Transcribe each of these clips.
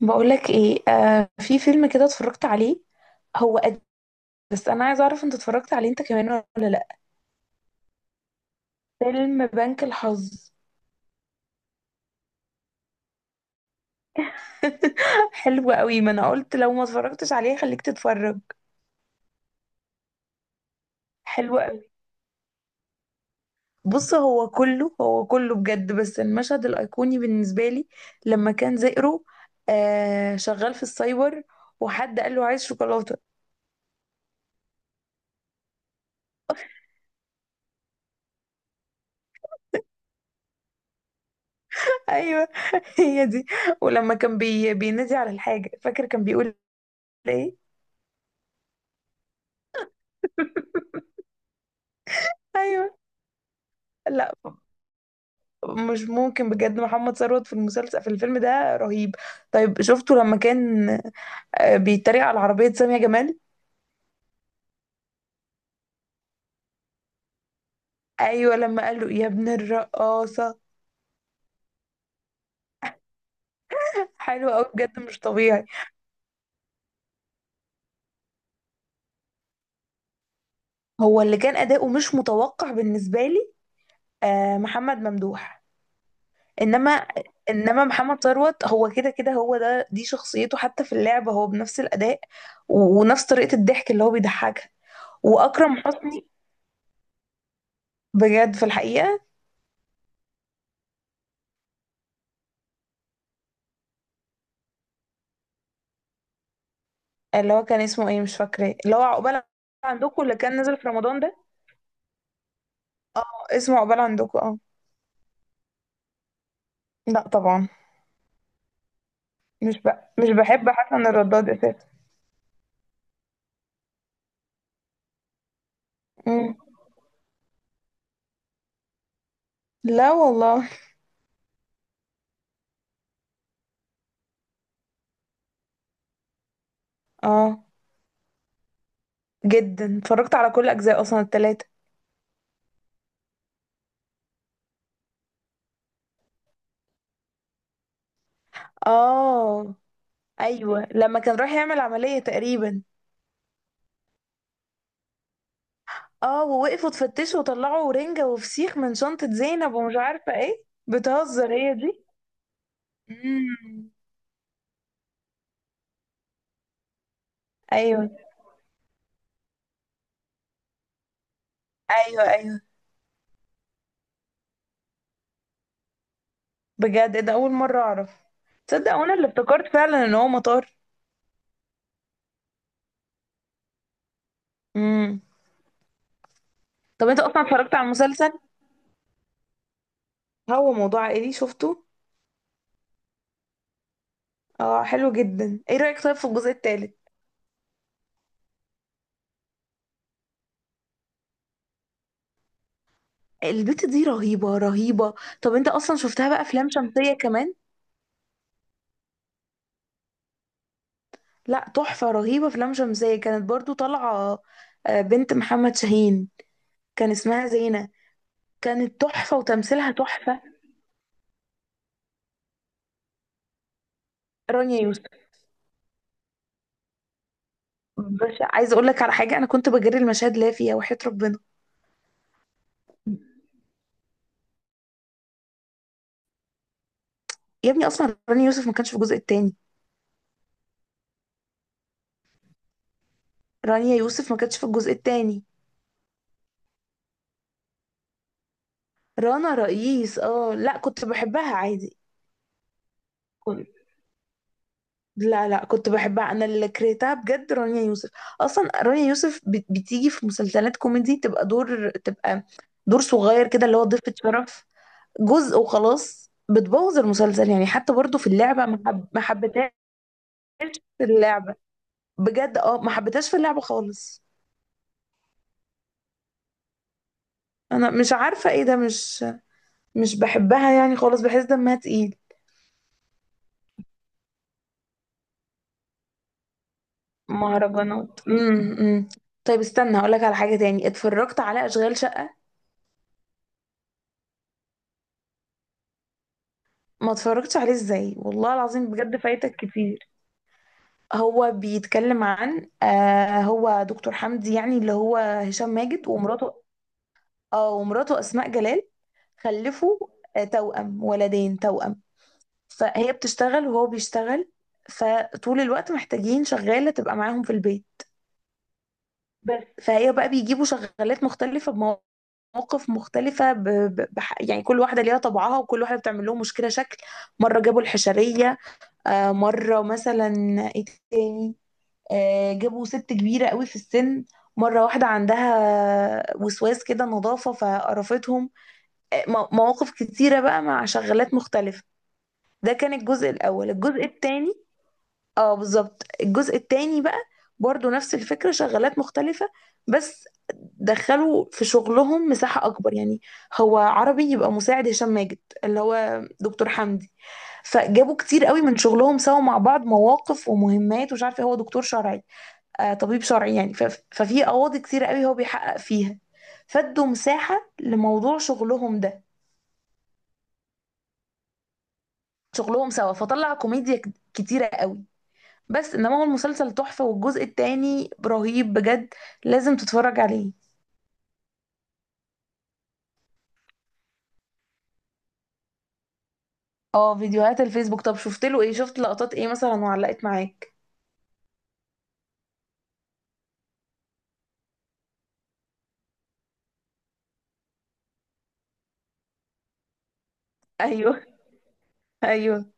بقولك ايه؟ آه، في فيلم كده اتفرجت عليه، هو قديم بس انا عايزه اعرف انت اتفرجت عليه انت كمان ولا لا؟ فيلم بنك الحظ. حلو قوي، ما انا قلت لو ما اتفرجتش عليه خليك تتفرج. حلو قوي. بص، هو كله بجد، بس المشهد الايقوني بالنسبه لي لما كان زئرو، آه، شغال في السايبر، وحد قال له عايز شوكولاته. ايوه هي دي. ولما كان بينادي على الحاجه، فاكر كان بيقول ايه؟ ايوه. مش ممكن بجد، محمد ثروت في المسلسل، في الفيلم ده رهيب. طيب شفته لما كان، آه، بيتريق على عربية سامية جمال؟ ايوه، لما قال له يا ابن الرقاصة. حلو قوي بجد، مش طبيعي. هو اللي كان اداؤه مش متوقع بالنسبة لي، آه، محمد ممدوح. انما، انما محمد ثروت هو كده كده، هو ده، دي شخصيته حتى في اللعبة هو بنفس الاداء ونفس طريقة الضحك اللي هو بيضحكها. واكرم حسني بجد في الحقيقة. اللي هو كان اسمه ايه؟ مش فاكراه، اللي هو عقبال عندكم، اللي كان نزل في رمضان ده. اه، اسمه عقبال عندكم، اه. لا طبعا. مش ب... مش بحب حسن الرداد اساسا. مم. لا والله. اه. جدا، اتفرجت على كل اجزاء اصلا، التلاتة. اه. ايوه، لما كان رايح يعمل عملية تقريبا. اه، ووقفوا تفتشوا وطلعوا رنجة وفسيخ من شنطة زينب، ومش عارفة ايه، بتهزر. هي دي. مم. ايوه، ايوه. ايوه بجد، إيه ده، اول مرة اعرف. تصدق وانا اللي افتكرت فعلا ان هو مطار. امم. طب انت اصلا اتفرجت على المسلسل؟ هو موضوع عائلي شفته؟ اه، حلو جدا. ايه رأيك طيب في الجزء الثالث؟ البت دي رهيبة، رهيبة. طب انت اصلا شفتها بقى افلام شمسية كمان؟ لا، تحفة رهيبة، افلام شمسية كانت برضو طالعة، آه، بنت محمد شاهين، كان اسمها زينة. كانت تحفة وتمثيلها تحفة. رانيا يوسف، بس عايزة اقول لك على حاجة، انا كنت بجري المشاهد اللي هي فيها، وحياة ربنا. يا ابني اصلا رانيا يوسف ما كانش في الجزء الثاني. رانيا يوسف ما كانتش في الجزء التاني. رنا رئيس، اه، لا كنت بحبها عادي. كنت لا لا، كنت بحبها، انا اللي كرهتها بجد رانيا يوسف. اصلا رانيا يوسف بتيجي في مسلسلات كوميدي تبقى دور، تبقى دور صغير كده، اللي هو ضيفة شرف جزء وخلاص، بتبوظ المسلسل يعني. حتى برضو في اللعبة ما حبيتهاش. في اللعبة بجد، اه ما حبيتهاش في اللعبة خالص. انا مش عارفة ايه ده، مش مش بحبها يعني خالص، بحس دمها تقيل. مهرجانات، امم. طيب استنى هقولك على حاجة تاني، اتفرجت على أشغال شقة؟ ما اتفرجتش عليه؟ ازاي والله العظيم، بجد فايتك كتير. هو بيتكلم عن، آه، هو دكتور حمدي يعني، اللي هو هشام ماجد ومراته. اه، ومراته أسماء جلال. خلفوا، آه، توأم، ولدين توأم. فهي بتشتغل وهو بيشتغل، فطول الوقت محتاجين شغالة تبقى معاهم في البيت. بس فهي بقى بيجيبوا شغالات مختلفة، مواقف مختلفة، يعني كل واحدة ليها طبعها وكل واحدة بتعمل لهم مشكلة شكل. مرة جابوا الحشرية، آه، مرة مثلا، ايه تاني، آه، جابوا ست كبيرة قوي في السن. مرة واحدة عندها وسواس كده نظافة فقرفتهم. آه، مواقف كتيرة بقى مع شغالات مختلفة. ده كان الجزء الأول. الجزء التاني، اه بالظبط، الجزء التاني بقى برضو نفس الفكرة، شغالات مختلفة، بس دخلوا في شغلهم مساحة أكبر يعني. هو عربي يبقى مساعد هشام ماجد، اللي هو دكتور حمدي، فجابوا كتير قوي من شغلهم سوا مع بعض، مواقف ومهمات، ومش عارفة، هو دكتور شرعي، آه، طبيب شرعي يعني. ففي قواضي كتير قوي هو بيحقق فيها، فادوا مساحة لموضوع شغلهم ده، شغلهم سوا، فطلع كوميديا كتيرة قوي. بس انما هو المسلسل تحفة، والجزء التاني رهيب بجد، لازم تتفرج عليه. اه فيديوهات الفيسبوك. طب شفت له ايه؟ شفت لقطات ايه مثلا وعلقت معاك؟ ايوه، ايوه.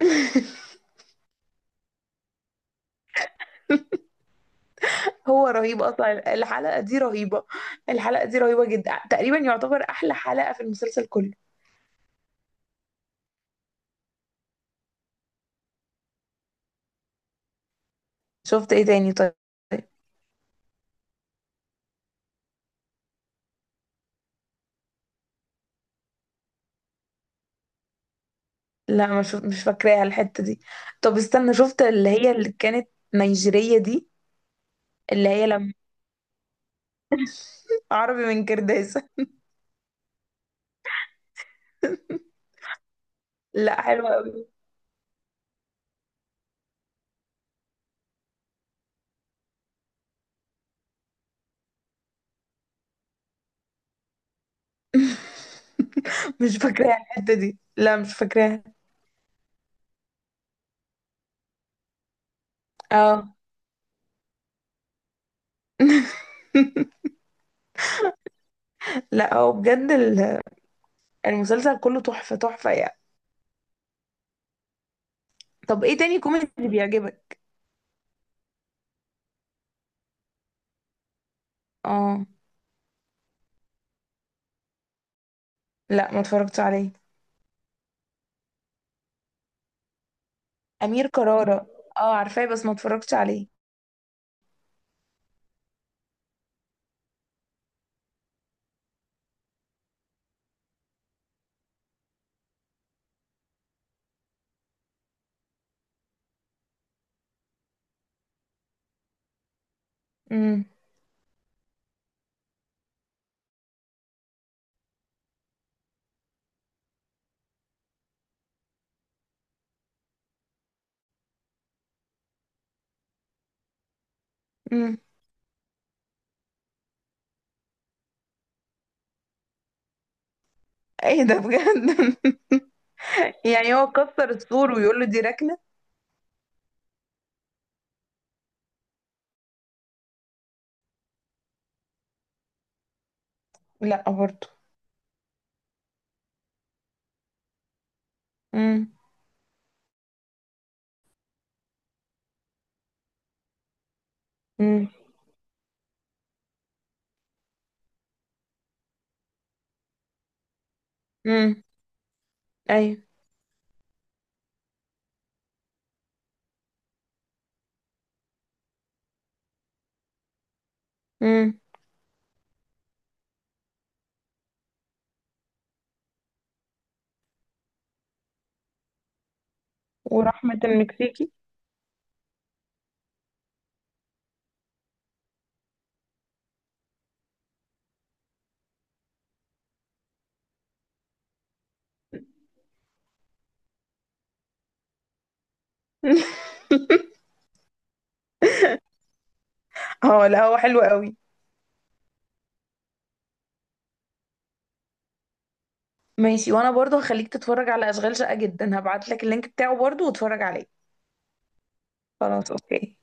هو رهيب اصلا، الحلقة دي رهيبة، الحلقة دي رهيبة جدا، تقريبا يعتبر احلى حلقة في المسلسل كله. شفت ايه تاني طيب؟ لا، مش فاكراها الحتة دي. طب استنى، شفت اللي هي اللي كانت نيجيرية دي؟ اللي هي لما عربي من كرداسة. لا حلوة. مش فاكراها الحتة دي، لا مش فاكراها. اه. لا هو بجد المسلسل كله تحفة، تحفة يعني. طب ايه تاني كوميدي بيعجبك؟ اه، لا ما اتفرجتش عليه. أمير كرارة، اه عارفاه بس ما اتفرجتش عليه. امم. امم. ايه ده بجد؟ يعني هو كسر السور ويقول له دي ركنة؟ لا برضه. امم. امم. امم. ايوه. امم. ورحمة المكسيكي. اه لا هو حلو قوي. ماشي، وانا برضو هخليك تتفرج على اشغال شقة، جدا هبعت لك اللينك بتاعه برضو، واتفرج عليه. خلاص، اوكي.